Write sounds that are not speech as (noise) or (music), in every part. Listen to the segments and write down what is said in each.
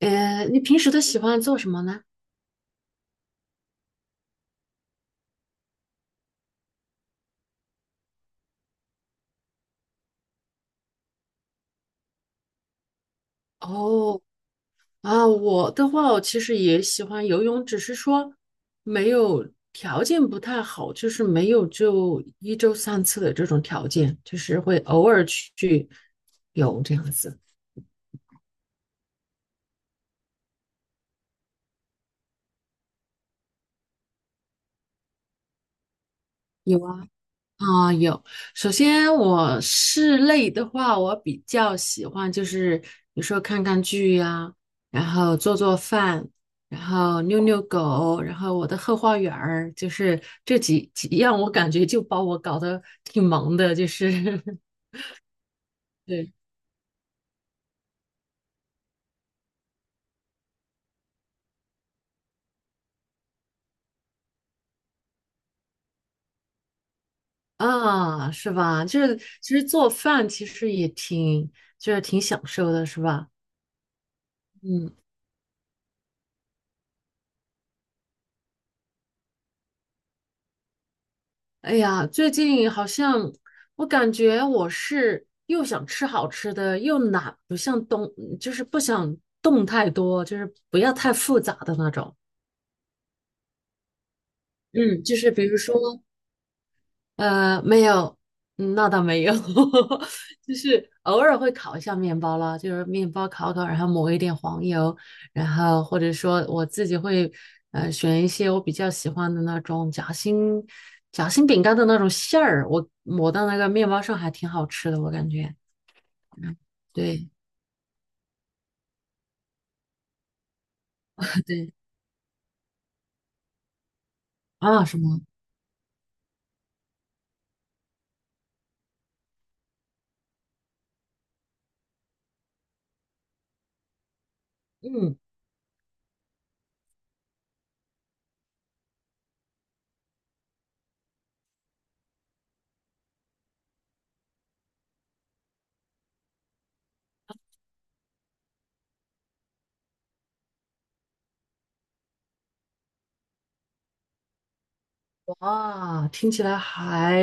你平时都喜欢做什么呢？哦。啊，我的话，我其实也喜欢游泳，只是说没有条件不太好，就是没有就一周三次的这种条件，就是会偶尔去游这样子。啊、有。首先，我室内的话，我比较喜欢就是有时候看看剧呀、然后做做饭，然后遛遛狗，然后我的后花园儿，就是这几样，我感觉就把我搞得挺忙的，就是 (laughs) 对啊，是吧？就是其实做饭其实也挺就是挺享受的，是吧？嗯。哎呀，最近好像我感觉我是又想吃好吃的，又懒，不想动，就是不想动太多，就是不要太复杂的那种。嗯，就是比如说，没有，那倒没有。(laughs) 就是偶尔会烤一下面包了，就是面包烤烤，然后抹一点黄油，然后或者说我自己会选一些我比较喜欢的那种夹心饼干的那种馅儿，我抹到那个面包上还挺好吃的，我感觉。对。 (laughs) 对啊，什么？嗯。哇，听起来还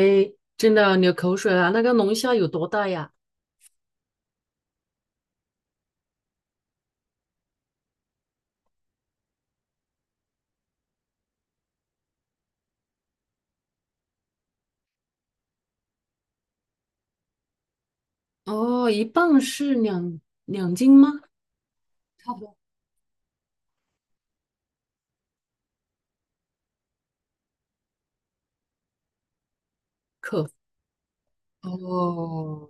真的流口水了。那个龙虾有多大呀？哦，一磅是两斤吗？哦。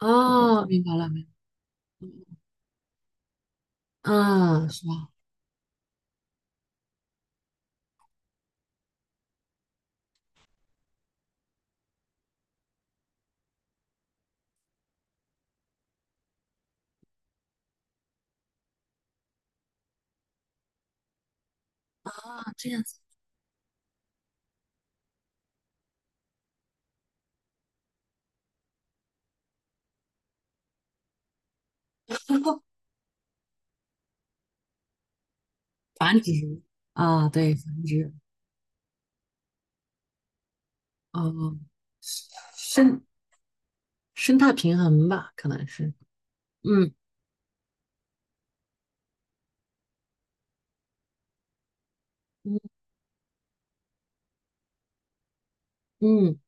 哦，明白了。嗯，是吧？啊，这样子。繁殖。啊，对，繁殖。哦，生生态平衡吧，可能是。嗯嗯嗯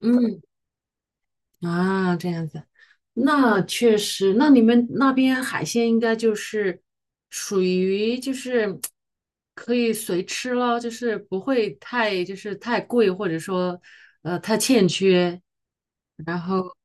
嗯。啊，这样子，那确实，那你们那边海鲜应该就是属于就是可以随吃咯，就是不会太就是太贵，或者说太欠缺，然后。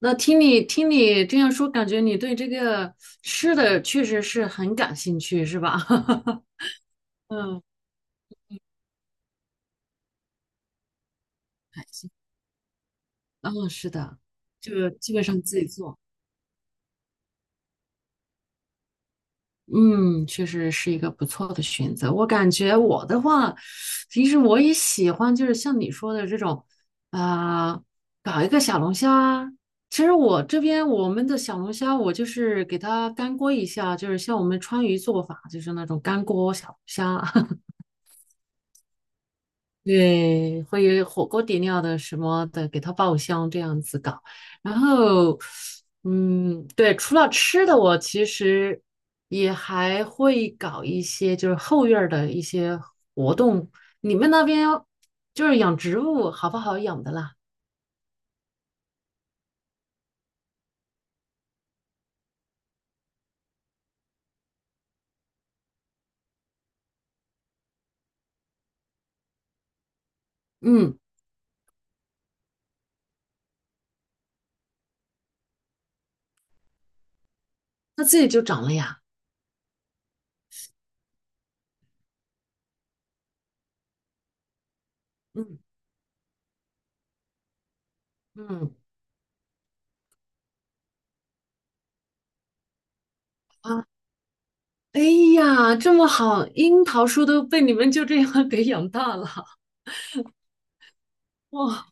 那听你这样说，感觉你对这个吃的确实是很感兴趣，是吧？(laughs) 嗯。感兴嗯，是的，就基本上自己做。嗯，确实是一个不错的选择。我感觉我的话，其实我也喜欢，就是像你说的这种，啊、搞一个小龙虾啊。其实我这边我们的小龙虾，我就是给它干锅一下，就是像我们川渝做法，就是那种干锅小龙虾啊。(laughs) 对，会有火锅底料的什么的，给它爆香这样子搞。然后，嗯，对，除了吃的，我其实也还会搞一些就是后院儿的一些活动。你们那边就是养植物好不好养的啦？嗯，它自己就长了呀。嗯嗯啊。哎呀，这么好，樱桃树都被你们就这样 (laughs) 给养大了。哇。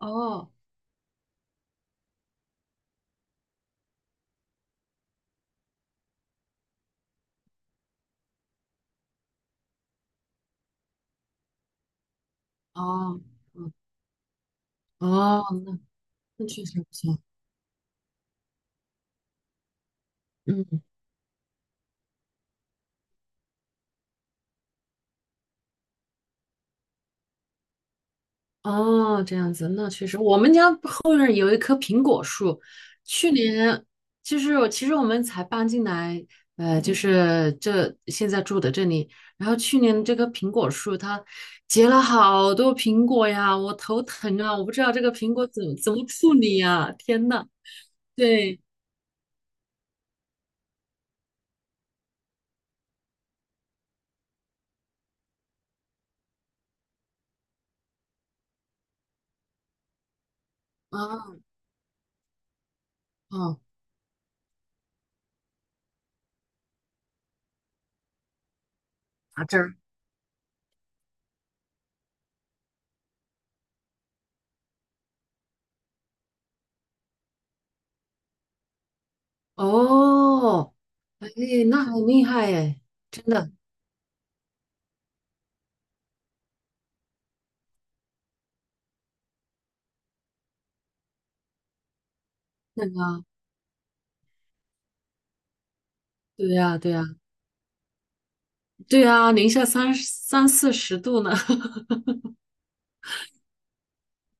哦。哦。嗯。哦，那确实不错。嗯。哦，这样子，那确实，我们家后院儿有一棵苹果树，去年就是我其实我们才搬进来，就是这现在住的这里，然后去年这棵苹果树它结了好多苹果呀，我头疼啊，我不知道这个苹果怎么处理呀，天呐。对。啊。哦，打汁儿。哦，哎，那很厉害哎，真的。那个，对呀，对呀。对啊，零下三四十度呢。(laughs)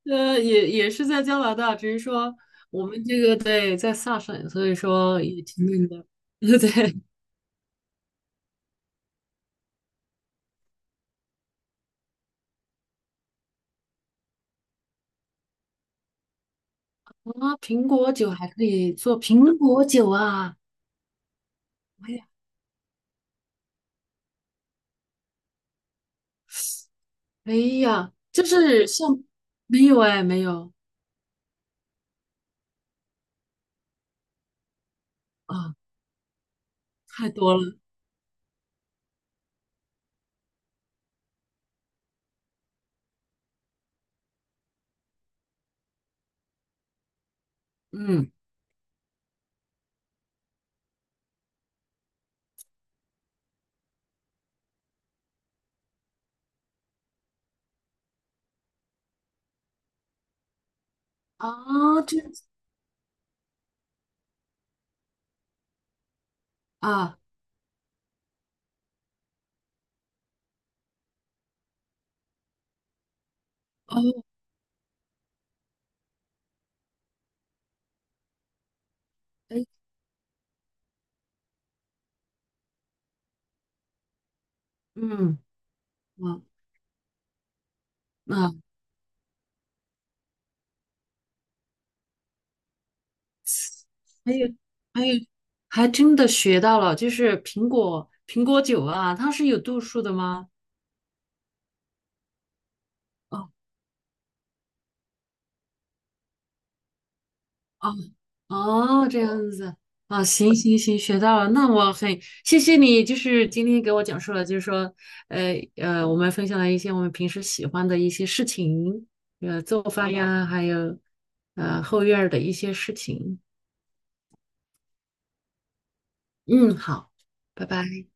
也是在加拿大，只是说我们这个对在萨省，所以说也挺冷的。(laughs) 对啊，苹果酒还可以做苹果酒啊！哎呀，哎呀，就是像没有哎，没有啊，太多了。嗯啊，这样子啊。哦，哎，嗯啊。还有还有，还真的学到了，就是苹果酒啊，它是有度数的吗？哦哦哦，这样子啊，行行行，学到了。那我很谢谢你，就是今天给我讲述了，就是说，我们分享了一些我们平时喜欢的一些事情，做饭呀，还有后院儿的一些事情。嗯，好，拜拜。